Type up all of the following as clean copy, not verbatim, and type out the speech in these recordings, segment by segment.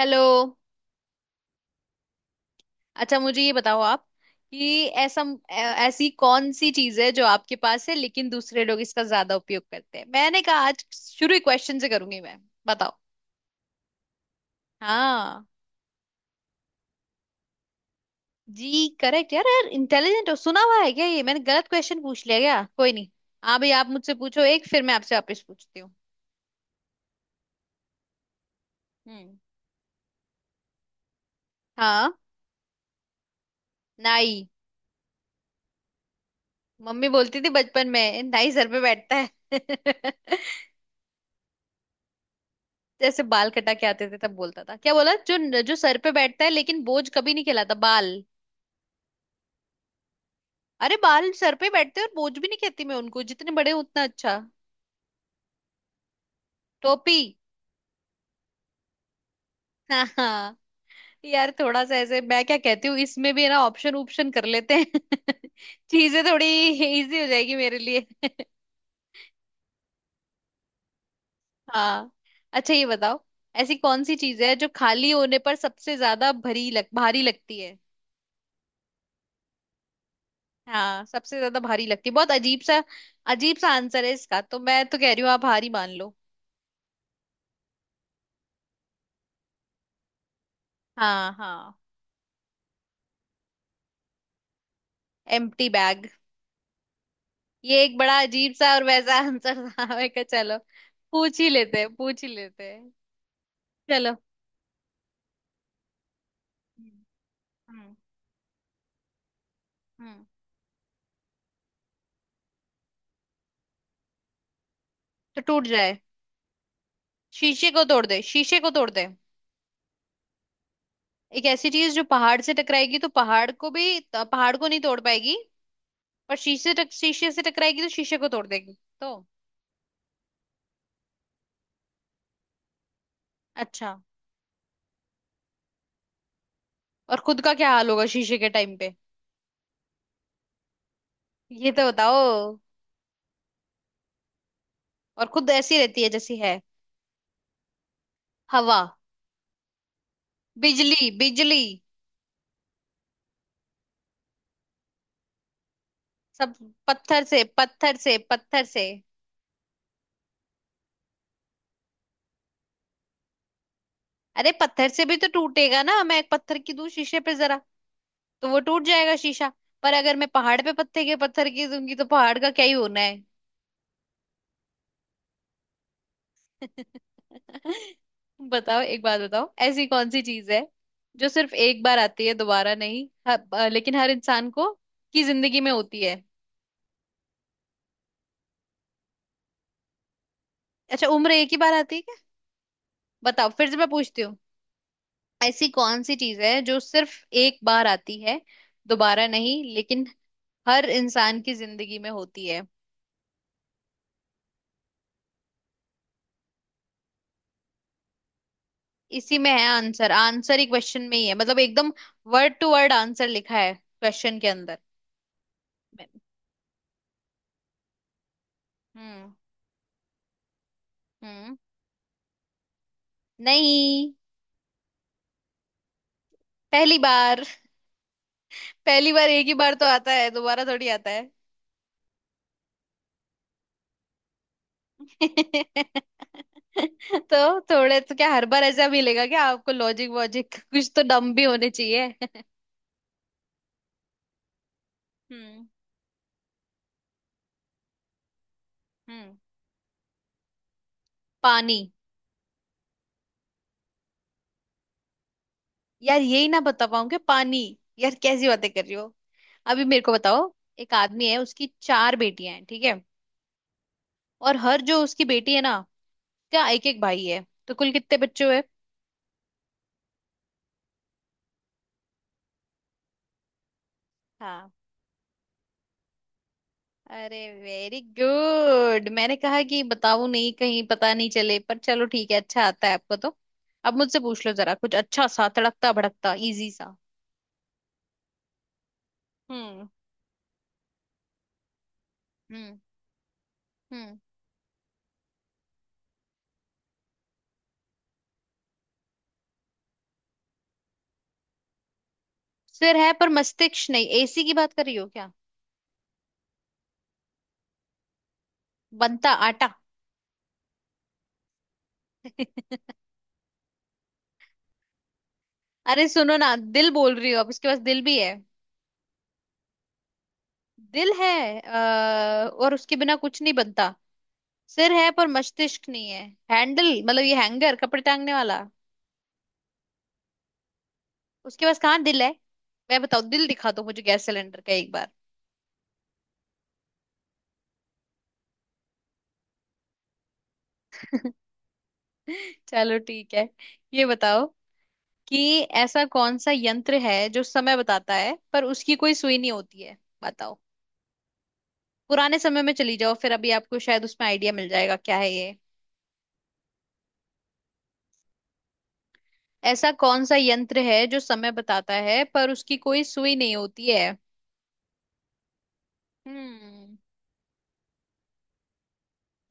Hello. अच्छा मुझे ये बताओ आप कि ऐसी कौन सी चीज है जो आपके पास है लेकिन दूसरे लोग इसका ज्यादा उपयोग करते हैं। मैंने कहा आज शुरू ही क्वेश्चन से करूंगी मैं। बताओ। हाँ जी, करेक्ट। यार यार, इंटेलिजेंट हो, सुना हुआ है क्या। ये मैंने गलत क्वेश्चन पूछ लिया क्या। कोई नहीं। हाँ भाई, आप मुझसे पूछो एक, फिर मैं आपसे वापस पूछती हूँ। हम्म। हाँ। नाई। मम्मी बोलती थी बचपन में नाई सर पे बैठता है। जैसे बाल कटा के आते थे तब बोलता था, क्या बोला, जो जो सर पे बैठता है लेकिन बोझ कभी नहीं कहलाता, बाल। अरे बाल सर पे बैठते हैं और बोझ भी नहीं कहती मैं उनको, जितने बड़े हों उतना अच्छा। टोपी। हाँ हाँ। यार थोड़ा सा ऐसे मैं क्या कहती हूँ, इसमें भी है ना, ऑप्शन ऑप्शन कर लेते हैं। चीजें थोड़ी इजी हो जाएगी मेरे लिए। हाँ। अच्छा ये बताओ, ऐसी कौन सी चीज है जो खाली होने पर सबसे ज्यादा भरी लग भारी लगती है। हाँ, सबसे ज्यादा भारी लगती है। बहुत अजीब सा आंसर है इसका, तो मैं तो कह रही हूँ आप हारी मान लो। हाँ हाँ। Empty bag. ये एक बड़ा अजीब सा और वैसा आंसर था, मैं कहा चलो पूछ ही लेते हैं पूछ ही लेते हैं। चलो। हम्म। हम्म। हम्म। तो टूट जाए। शीशे को तोड़ दे, शीशे को तोड़ दे। एक ऐसी चीज जो पहाड़ से टकराएगी तो पहाड़ को भी तो पहाड़ को नहीं तोड़ पाएगी। पर शीशे से टकराएगी तो शीशे को तोड़ देगी। तो। अच्छा। और खुद का क्या हाल होगा शीशे के टाइम पे, ये तो बताओ। और खुद ऐसी रहती है जैसी है। हवा। बिजली बिजली। सब। पत्थर से, पत्थर से, पत्थर से। अरे पत्थर से भी तो टूटेगा ना, मैं एक पत्थर की दूं शीशे पे जरा तो वो टूट जाएगा शीशा। पर अगर मैं पहाड़ पे पत्थर की दूंगी तो पहाड़ का क्या ही होना है। बताओ, एक बात बताओ, ऐसी कौन सी चीज है जो सिर्फ एक बार आती है, दोबारा नहीं, लेकिन हर इंसान को की जिंदगी में होती है। अच्छा, उम्र एक ही बार आती है क्या। बताओ, फिर से मैं पूछती हूँ। ऐसी कौन सी चीज है जो सिर्फ एक बार आती है दोबारा नहीं, लेकिन हर इंसान की जिंदगी में होती है। इसी में है आंसर, आंसर ही क्वेश्चन में ही है, मतलब एकदम वर्ड टू वर्ड आंसर लिखा है क्वेश्चन के अंदर। हम्म। हम्म। नहीं। पहली बार। पहली बार एक ही बार तो आता है, दोबारा थोड़ी आता है। तो थोड़े तो क्या हर बार ऐसा मिलेगा क्या आपको, लॉजिक वॉजिक कुछ तो दम भी होने चाहिए। हम्म। हम्म। पानी। यार यही ना बता पाऊँ कि पानी, यार कैसी बातें कर रही हो। अभी मेरे को बताओ, एक आदमी है उसकी चार बेटियां हैं, ठीक है, और हर जो उसकी बेटी है ना, क्या एक एक भाई है, तो कुल कितने बच्चे हुए। हाँ। अरे वेरी गुड, मैंने कहा कि बताऊं नहीं कहीं पता नहीं चले, पर चलो ठीक है, अच्छा आता है आपको तो। अब मुझसे पूछ लो जरा कुछ अच्छा सा तड़कता भड़कता इजी सा। हम्म। हम्म। हम्म। सिर है पर मस्तिष्क नहीं, एसी की बात कर रही हो क्या। बनता आटा। अरे सुनो ना, दिल बोल रही हो, अब इसके पास दिल भी है। दिल है और उसके बिना कुछ नहीं बनता। सिर है पर मस्तिष्क नहीं है। हैंडल मतलब ये हैंगर, कपड़े टांगने वाला। उसके पास कहाँ दिल है, मैं बताओ दिल दिखा दो मुझे गैस सिलेंडर का एक बार। चलो ठीक है। ये बताओ कि ऐसा कौन सा यंत्र है जो समय बताता है पर उसकी कोई सुई नहीं होती है। बताओ। पुराने समय में चली जाओ, फिर अभी आपको शायद उसमें आइडिया मिल जाएगा क्या है। ऐसा कौन सा यंत्र है जो समय बताता है पर उसकी कोई सुई नहीं होती है। हम्म।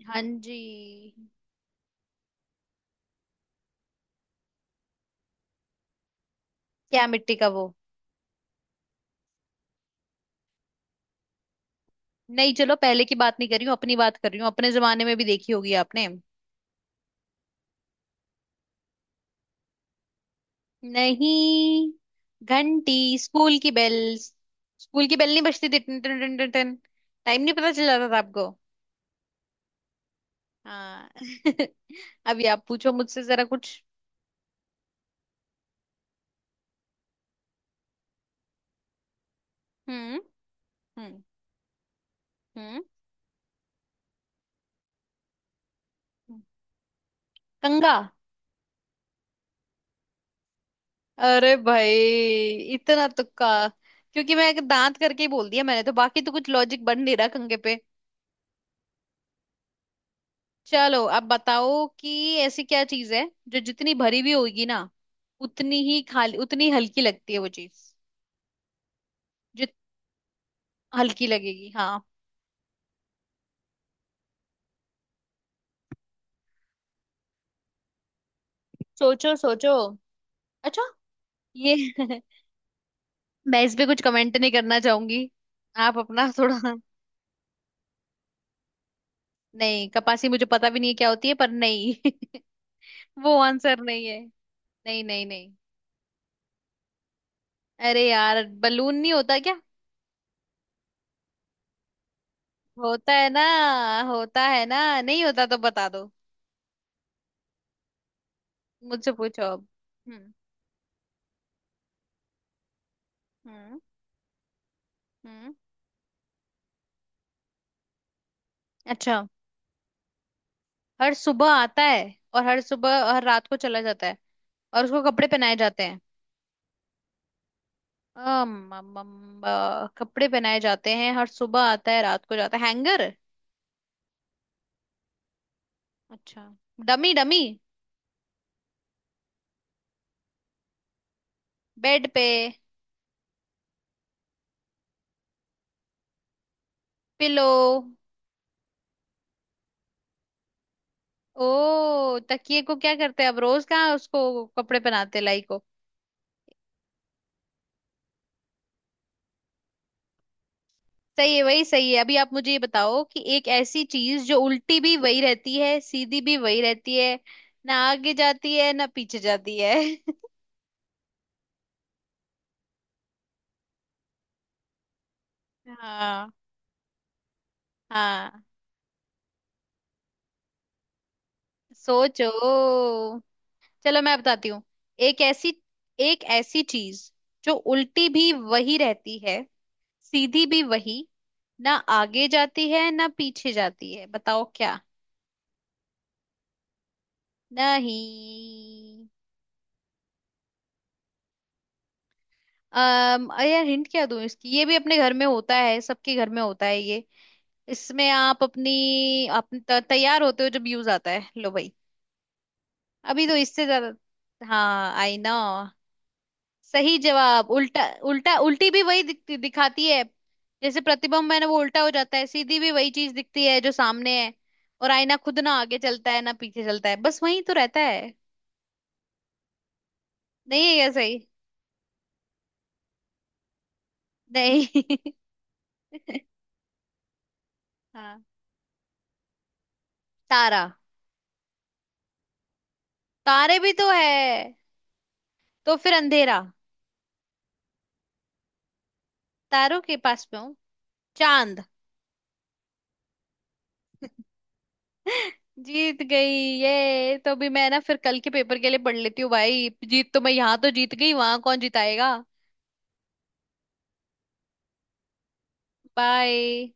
हाँ जी। क्या मिट्टी का वो। नहीं, चलो पहले की बात नहीं कर रही हूँ, अपनी बात कर रही हूँ, अपने जमाने में भी देखी होगी आपने। नहीं। घंटी, स्कूल की बेल। स्कूल की बेल नहीं बजती थी टन टन टन टन टन, टाइम नहीं पता चल जाता था आपको। हाँ। अभी आप पूछो मुझसे जरा कुछ। हम्म। हम्म। हम्म। कंगा। अरे भाई, इतना तुक्का, क्योंकि मैं एक दांत करके ही बोल दिया मैंने तो, बाकी तो कुछ लॉजिक बन नहीं रहा कंगे पे। चलो अब बताओ कि ऐसी क्या चीज है जो जितनी भरी हुई होगी ना, उतनी ही खाली उतनी हल्की लगती है वो चीज। जित हल्की लगेगी, हाँ। सोचो सोचो। अच्छा, ये। मैं इस पे कुछ कमेंट नहीं करना चाहूंगी, आप अपना थोड़ा। नहीं कपासी मुझे पता भी नहीं है क्या होती है, पर नहीं। वो आंसर नहीं है। नहीं नहीं नहीं। अरे यार बलून नहीं होता क्या, होता है ना, होता है ना, नहीं होता तो बता दो। मुझसे पूछो अब। हम्म। हम्म। हम्म। अच्छा, हर सुबह आता है और हर सुबह हर रात को चला जाता है, और उसको कपड़े पहनाए जाते हैं। अम, अम, अम, अ, कपड़े पहनाए जाते हैं, हर सुबह आता है रात को जाता है, हैंगर। अच्छा, डमी डमी। बेड पे। पिलो। ओ तकिए को क्या करते हैं अब रोज, कहाँ उसको कपड़े पहनाते हैं लाई को। सही है, वही सही है। अभी आप मुझे ये बताओ कि एक ऐसी चीज जो उल्टी भी वही रहती है सीधी भी वही रहती है, ना आगे जाती है ना पीछे जाती है। हाँ हाँ। सोचो। चलो मैं बताती हूँ। एक ऐसी एक ऐसी चीज जो उल्टी भी वही रहती है सीधी भी वही, ना आगे जाती है ना पीछे जाती है, बताओ क्या। नहीं। अम अरे यार हिंट क्या दूं इसकी, ये भी अपने घर में होता है, सबके घर में होता है ये। इसमें आप अपनी आप तैयार होते हो जब यूज आता है, लो भाई। अभी तो इससे ज्यादा। हाँ आई नो। सही जवाब, उल्टा उल्टा, उल्टी भी वही दिखती दिखाती है। जैसे प्रतिबिंब है ना वो उल्टा हो जाता है, सीधी भी वही चीज दिखती है जो सामने है। और आईना खुद ना आगे चलता है ना पीछे चलता है, बस वही तो रहता है। नहीं है क्या सही। नहीं। हाँ। तारा। तारे भी तो है, तो फिर अंधेरा। तारों के पास में हूँ। चांद। जीत गई। ये तो अभी मैं ना फिर कल के पेपर के लिए पढ़ लेती हूँ भाई, जीत तो मैं यहाँ तो जीत गई, वहां कौन जिताएगा। बाय।